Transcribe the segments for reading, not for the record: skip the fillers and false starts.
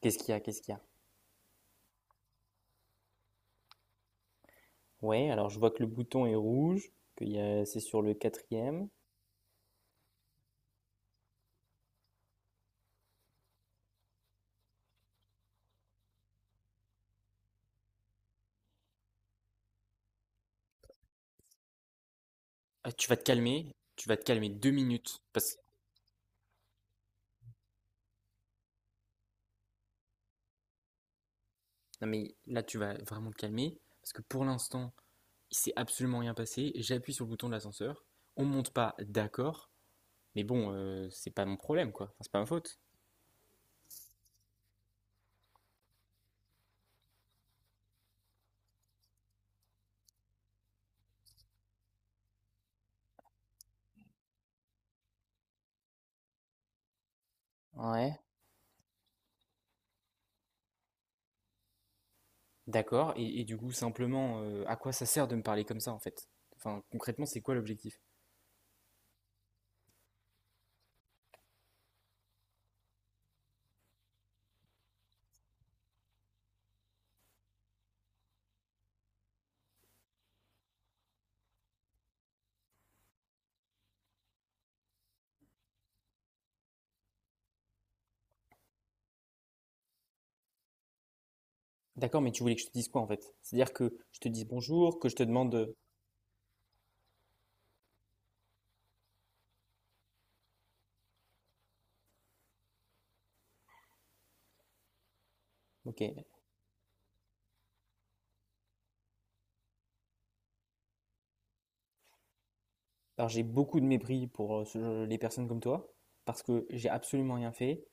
Qu'est-ce qu'il y a? Qu'est-ce qu'il y a? Ouais, alors je vois que le bouton est rouge, c'est sur le quatrième. Ah, tu vas te calmer, tu vas te calmer 2 minutes. Non mais là, tu vas vraiment te calmer. Parce que pour l'instant, il s'est absolument rien passé. J'appuie sur le bouton de l'ascenseur. On monte pas, d'accord. Mais bon, c'est pas mon problème, quoi. Enfin, c'est pas ma faute. Ouais. D'accord. Et du coup, simplement, à quoi ça sert de me parler comme ça, en fait? Enfin, concrètement, c'est quoi l'objectif? D'accord, mais tu voulais que je te dise quoi en fait? C'est-à-dire que je te dise bonjour, que je te demande. Ok, alors j'ai beaucoup de mépris pour les personnes comme toi, parce que j'ai absolument rien fait.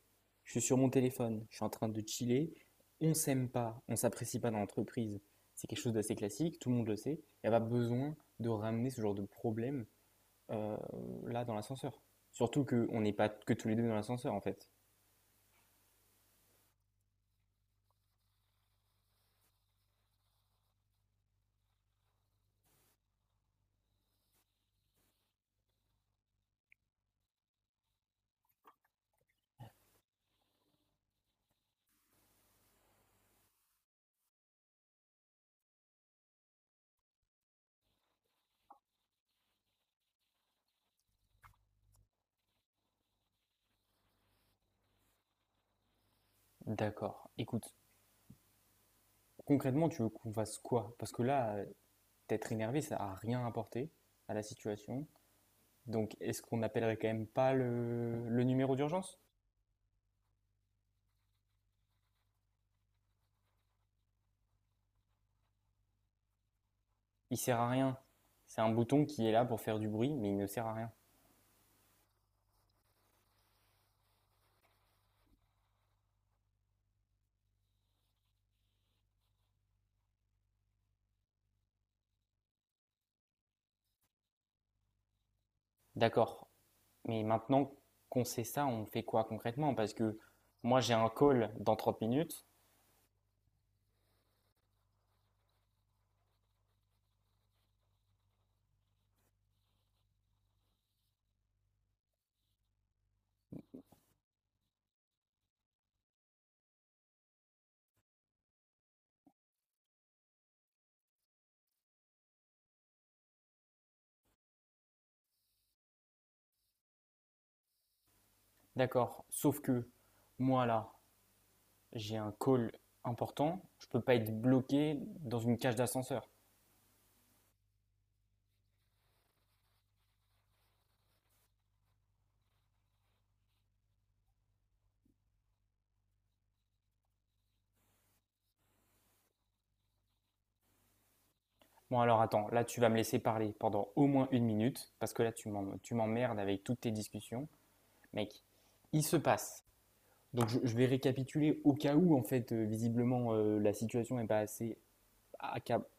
Je suis sur mon téléphone, je suis en train de chiller. On s'aime pas, on s'apprécie pas dans l'entreprise. C'est quelque chose d'assez classique, tout le monde le sait. Il n'y a pas besoin de ramener ce genre de problème euh, là dans l'ascenseur. Surtout qu'on n'est pas que tous les deux dans l'ascenseur en fait. D'accord. Écoute, concrètement, tu veux qu'on fasse quoi? Parce que là, t'être énervé, ça n'a rien apporté à la situation. Donc, est-ce qu'on n'appellerait quand même pas le numéro d'urgence? Il sert à rien. C'est un bouton qui est là pour faire du bruit, mais il ne sert à rien. D'accord. Mais maintenant qu'on sait ça, on fait quoi concrètement? Parce que moi, j'ai un call dans 30 minutes. D'accord. Sauf que moi, là, j'ai un call important. Je ne peux pas être bloqué dans une cage d'ascenseur. Bon, alors attends, là, tu vas me laisser parler pendant au moins une minute, parce que là, tu m'emmerdes avec toutes tes discussions. Mec, il se passe. Donc, vais récapituler au cas où, en fait, visiblement, la situation n'est pas assez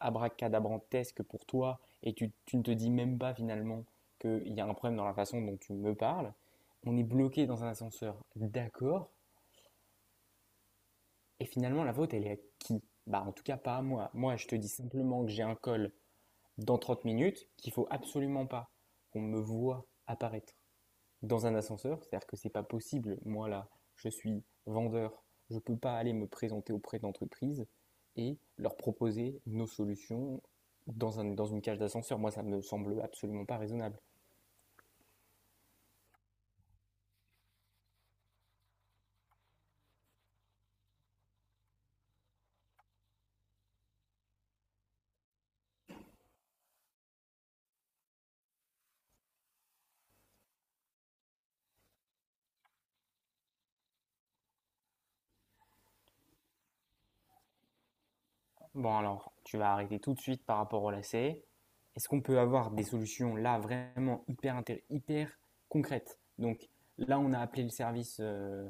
abracadabrantesque pour toi et tu ne te dis même pas finalement qu'il y a un problème dans la façon dont tu me parles. On est bloqué dans un ascenseur, d'accord. Et finalement, la faute, elle est à qui? Bah, en tout cas, pas à moi. Moi, je te dis simplement que j'ai un col dans 30 minutes, qu'il faut absolument pas qu'on me voit apparaître dans un ascenseur. C'est-à-dire que c'est pas possible. Moi, là, je suis vendeur. Je ne peux pas aller me présenter auprès d'entreprises et leur proposer nos solutions dans, un, dans une cage d'ascenseur. Moi, ça ne me semble absolument pas raisonnable. Bon, alors, tu vas arrêter tout de suite par rapport au lacet. Est-ce qu'on peut avoir des solutions là vraiment hyper, hyper concrètes? Donc là, on a appelé le service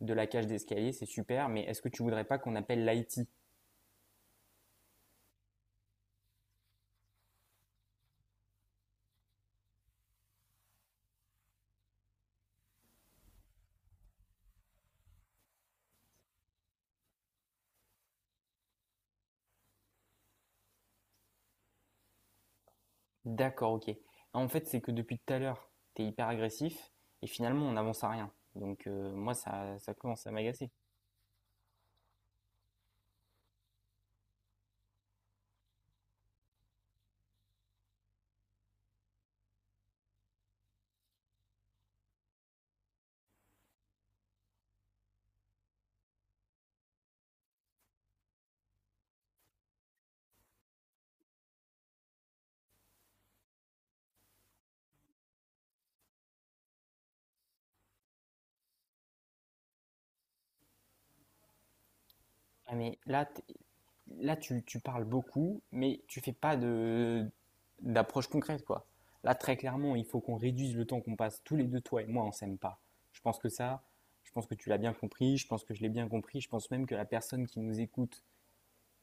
de la cage d'escalier, c'est super, mais est-ce que tu ne voudrais pas qu'on appelle l'IT? D'accord, OK. En fait, c'est que depuis tout à l'heure, t'es hyper agressif et finalement, on n'avance à rien. Donc, moi, ça commence à m'agacer. Ah, mais là, là tu parles beaucoup, mais tu fais pas d'approche concrète, quoi. Là, très clairement, il faut qu'on réduise le temps qu'on passe tous les deux, toi et moi, on s'aime pas. Je pense que ça, je pense que tu l'as bien compris, je pense que je l'ai bien compris, je pense même que la personne qui nous écoute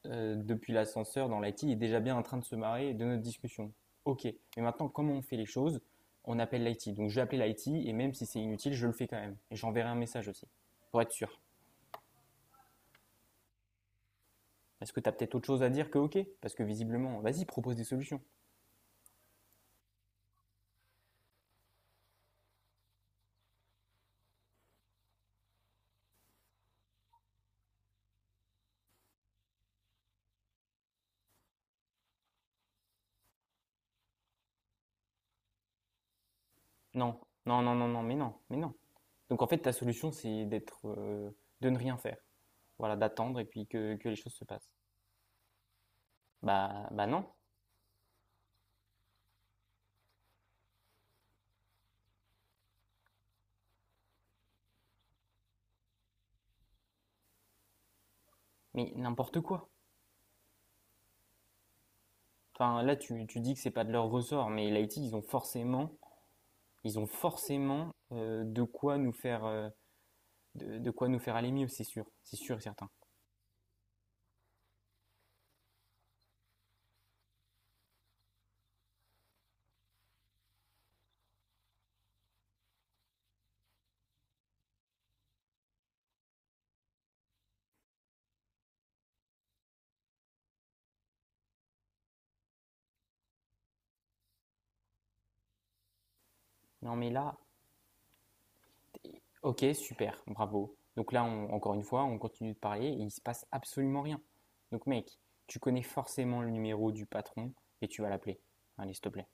depuis l'ascenseur dans l'IT est déjà bien en train de se marrer de notre discussion. Ok, mais maintenant, comment on fait les choses? On appelle l'IT. Donc je vais appeler l'IT et même si c'est inutile, je le fais quand même. Et j'enverrai un message aussi, pour être sûr. Parce que t'as peut-être autre chose à dire que ok? Parce que visiblement, vas-y, propose des solutions. Non, non, non, non, non, mais non, mais non. Donc en fait, ta solution, c'est d'être, de ne rien faire. Voilà, d'attendre et puis que les choses se passent. Bah, bah non, mais n'importe quoi. Enfin, là, tu dis que c'est pas de leur ressort, mais l'IT, ils ont forcément de quoi nous faire de quoi nous faire aller mieux, c'est sûr et certain. Non mais là, ok, super, bravo. Donc là, encore une fois, on continue de parler et il se passe absolument rien. Donc mec, tu connais forcément le numéro du patron et tu vas l'appeler. Allez, s'il te plaît.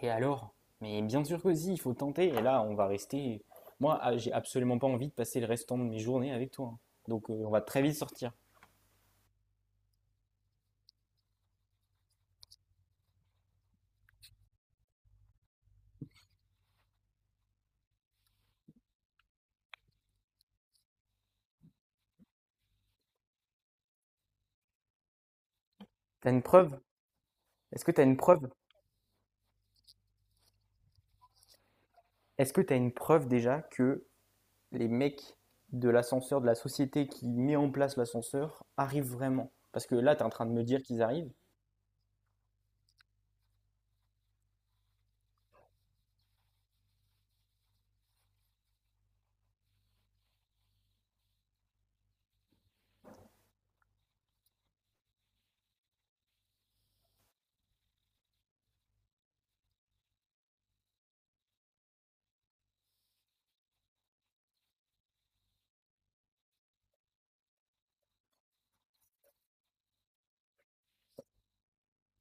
Et alors? Mais bien sûr que si, il faut tenter. Et là, on va rester. Moi, ah, j'ai absolument pas envie de passer le restant de mes journées avec toi, hein. Donc on va très vite sortir. T'as une preuve? Est-ce que t'as une preuve? Est-ce que t'as une preuve déjà que les mecs de l'ascenseur, de la société qui met en place l'ascenseur, arrivent vraiment? Parce que là, t'es en train de me dire qu'ils arrivent.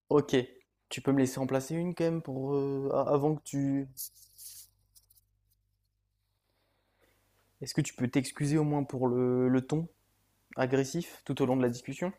Ok, tu peux me laisser en placer une quand même pour avant que tu. Est-ce que tu peux t'excuser au moins pour le ton agressif tout au long de la discussion?